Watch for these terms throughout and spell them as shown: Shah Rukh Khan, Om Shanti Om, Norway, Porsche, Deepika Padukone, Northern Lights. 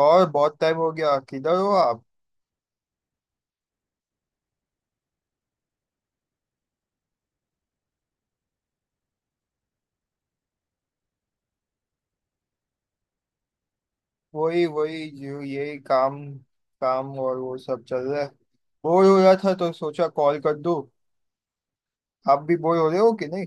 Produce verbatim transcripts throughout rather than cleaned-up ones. और बहुत टाइम हो गया, किधर हो आप। वही वही जो यही काम काम और वो सब चल रहा है। बोर हो रहा था तो सोचा कॉल कर दूं। आप भी बोर हो रहे हो कि नहीं।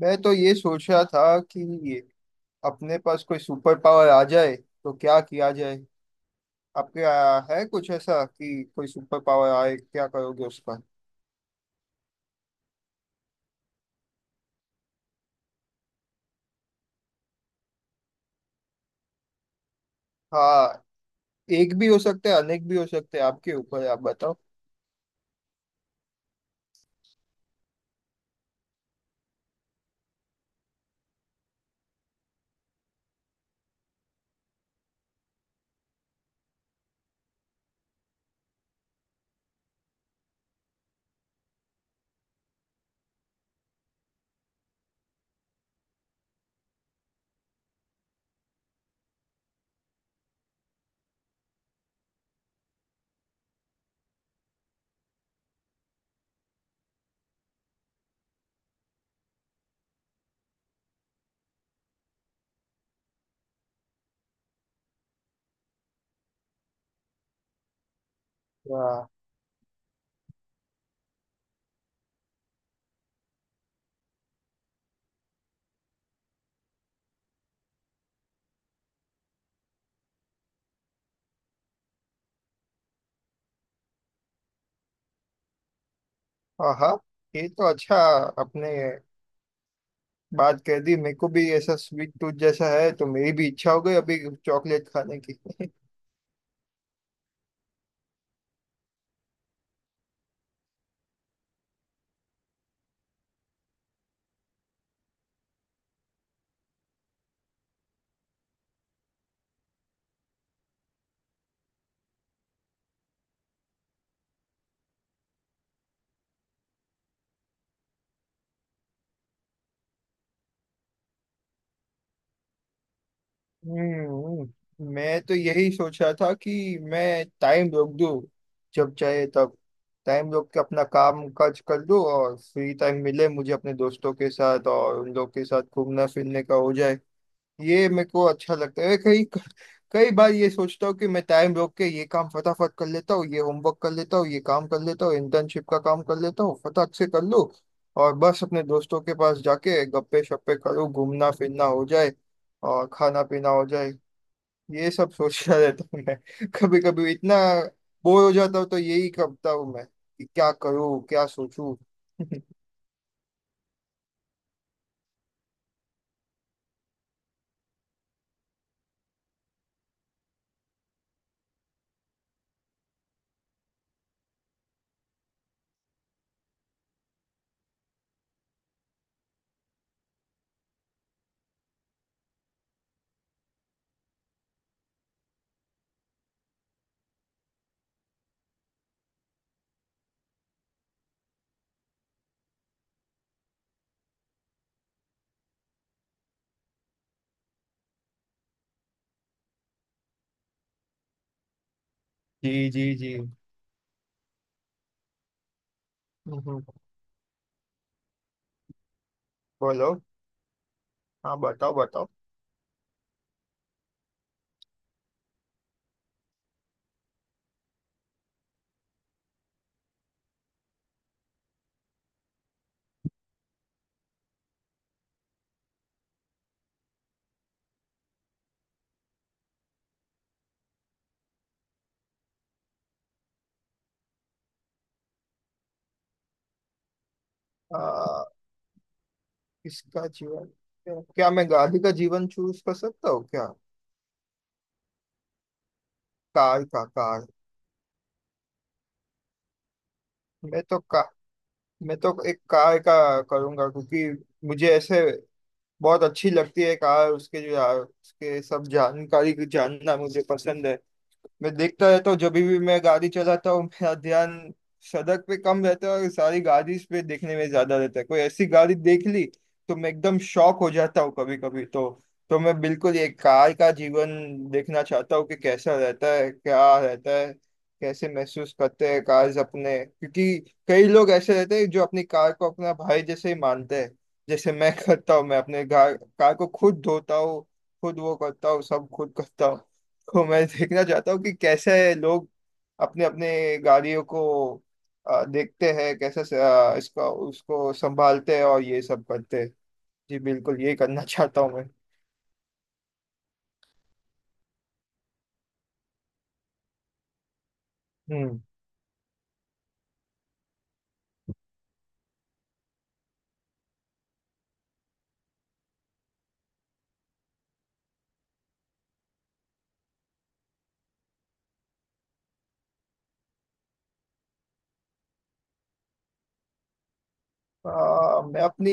मैं तो ये सोच रहा था कि ये अपने पास कोई सुपर पावर आ जाए तो क्या किया जाए। आपके आ, है कुछ ऐसा कि कोई सुपर पावर आए क्या करोगे उस पर। हाँ, एक भी हो सकता है अनेक भी हो सकते हैं, आपके ऊपर है, आप बताओ। हाँ हाँ हाँ, ये तो अच्छा अपने बात कह दी। मेरे को भी ऐसा स्वीट टूथ जैसा है, तो मेरी भी इच्छा हो गई अभी चॉकलेट खाने की। हम्म मैं तो यही सोच रहा था कि मैं टाइम रोक दूं, जब चाहे तब टाइम रोक के अपना काम काज कर दूं और फ्री टाइम मिले मुझे अपने दोस्तों के साथ, और उन लोग के साथ घूमना फिरने का हो जाए। ये मेरे को अच्छा लगता है। कई कई बार ये सोचता हूँ कि मैं टाइम रोक के ये काम फटाफट कर लेता हूँ, ये होमवर्क कर लेता हूँ, ये काम कर लेता हूँ, इंटर्नशिप का काम कर लेता हूँ, फटाक से कर लूँ। और बस अपने दोस्तों के पास जाके गप्पे शप्पे करूँ, घूमना फिरना हो जाए और खाना पीना हो जाए। ये सब सोचता रहता हूँ मैं। कभी कभी इतना बोर हो जाता हूँ तो यही करता हूँ मैं कि क्या करूँ क्या सोचूं। जी जी जी। हम्म, बोलो। हाँ बताओ बताओ। आ, किसका जीवन, क्या क्या मैं गाड़ी का जीवन चूज कर सकता हूँ क्या। कार का, कार। मैं तो का मैं तो एक कार का करूंगा, क्योंकि मुझे ऐसे बहुत अच्छी लगती है कार। उसके जो उसके सब जानकारी जानना मुझे पसंद है। मैं देखता रहता हूँ, जब भी मैं गाड़ी चलाता हूँ मेरा ध्यान सड़क पे कम रहता है और सारी गाड़ी पे देखने में ज्यादा रहता है। कोई ऐसी गाड़ी देख ली तो मैं एकदम शॉक हो जाता हूँ कभी कभी। तो तो मैं बिल्कुल ये कार का जीवन देखना चाहता हूँ कि कैसा रहता है, क्या रहता है, कैसे महसूस करते हैं कार्स अपने। क्योंकि कई लोग ऐसे रहते हैं जो अपनी कार को अपना भाई जैसे ही मानते हैं। जैसे मैं करता हूँ, मैं अपने कार कार को खुद धोता हूँ, खुद वो करता हूँ, सब खुद करता हूँ। तो मैं देखना चाहता हूँ कि कैसे लोग अपने अपने गाड़ियों को अ, देखते हैं, कैसे स- अ, इसका उसको संभालते हैं और ये सब करते हैं। जी बिल्कुल ये करना चाहता हूँ मैं। हम्म। अ, मैं अपनी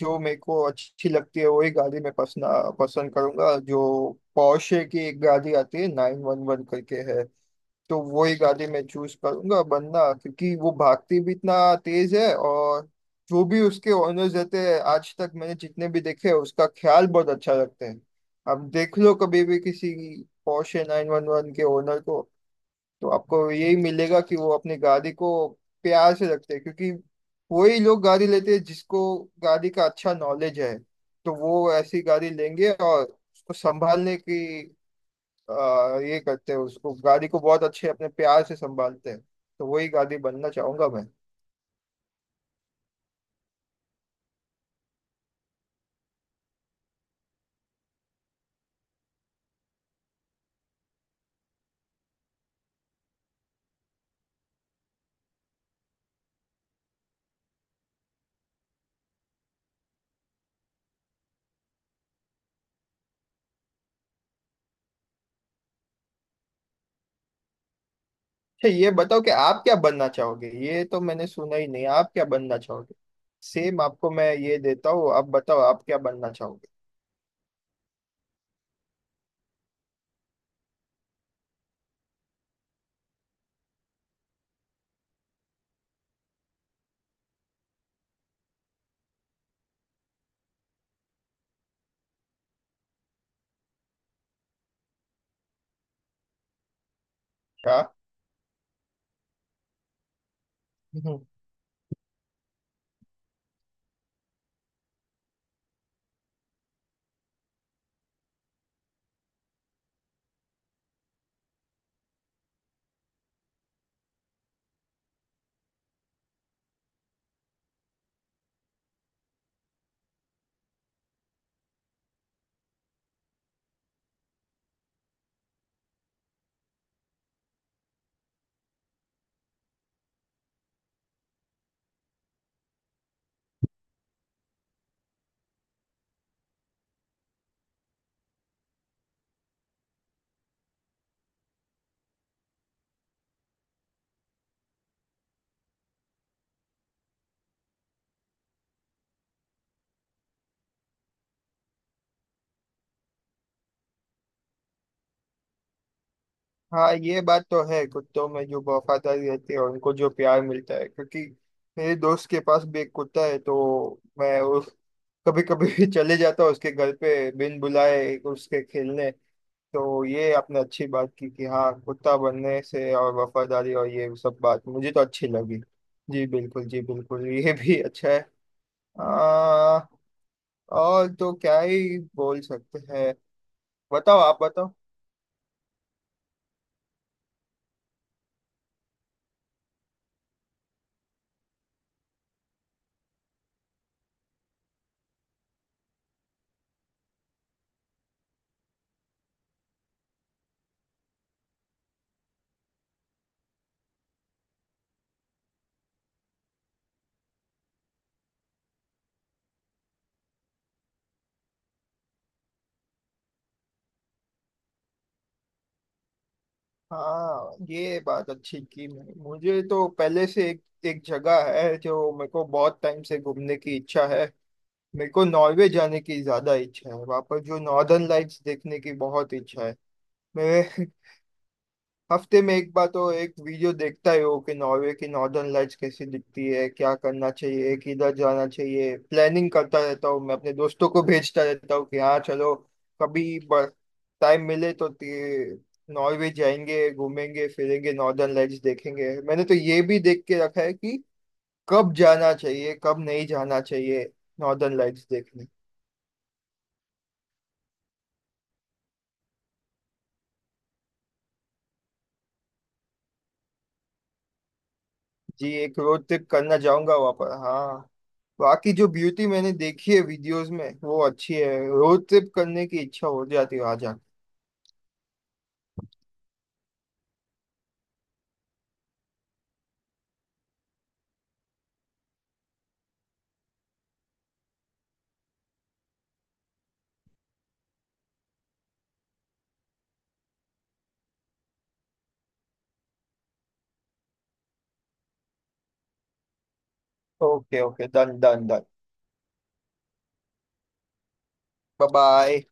जो मेरे को अच्छी लगती है वही गाड़ी मैं पसंद पसंद करूंगा। जो पोर्शे की एक गाड़ी आती है नाइन वन वन करके है, तो वही गाड़ी मैं चूज करूंगा बनना। क्योंकि वो भागती भी इतना तेज है और जो भी उसके ओनर्स रहते हैं आज तक मैंने जितने भी देखे हैं, उसका ख्याल बहुत अच्छा रखते हैं। अब देख लो कभी भी किसी पोर्शे नाइन वन वन के ओनर को, तो आपको यही मिलेगा कि वो अपनी गाड़ी को प्यार से रखते हैं। क्योंकि वही लोग गाड़ी लेते हैं जिसको गाड़ी का अच्छा नॉलेज है। तो वो ऐसी गाड़ी लेंगे और उसको संभालने की आ, ये करते हैं। उसको गाड़ी को बहुत अच्छे अपने प्यार से संभालते हैं। तो वही गाड़ी बनना चाहूंगा मैं। अच्छा ये बताओ कि आप क्या बनना चाहोगे, ये तो मैंने सुना ही नहीं, आप क्या बनना चाहोगे। सेम आपको मैं ये देता हूँ, आप बताओ आप क्या बनना चाहोगे। क्या। हम्म। हाँ ये बात तो है, कुत्तों में जो वफादारी रहती है और उनको जो प्यार मिलता है। क्योंकि मेरे दोस्त के पास भी एक कुत्ता है, तो मैं उस कभी कभी चले जाता हूँ उसके घर पे बिन बुलाए उसके खेलने। तो ये आपने अच्छी बात की कि हाँ कुत्ता बनने से और वफादारी और ये सब बात मुझे तो अच्छी लगी। जी बिल्कुल, जी बिल्कुल, ये भी अच्छा है। आ, और तो क्या ही बोल सकते हैं। बताओ, आप बताओ। हाँ ये बात अच्छी की। मैं- मुझे तो पहले से एक एक जगह है जो मेरे को बहुत टाइम से घूमने की इच्छा है। मेरे को नॉर्वे जाने की ज्यादा इच्छा है, वहाँ पर जो नॉर्दर्न लाइट्स देखने की बहुत इच्छा है। मैं हफ्ते में एक बार तो एक वीडियो देखता ही हो कि नॉर्वे की नॉर्दर्न लाइट्स कैसी दिखती है, क्या करना चाहिए, किधर जाना चाहिए। प्लानिंग करता रहता हूँ मैं, अपने दोस्तों को भेजता रहता हूँ कि हाँ चलो कभी टाइम मिले तो ते- नॉर्वे जाएंगे, घूमेंगे फिरेंगे, नॉर्दर्न लाइट्स देखेंगे। मैंने तो ये भी देख के रखा है कि कब जाना चाहिए कब नहीं जाना चाहिए नॉर्दर्न लाइट्स देखने। जी एक रोड ट्रिप करना चाहूंगा वहाँ पर, हाँ। बाकी जो ब्यूटी मैंने देखी है वीडियोस में वो अच्छी है, रोड ट्रिप करने की इच्छा हो जाती है आ जाके। Okay okay, done done done. Bye bye.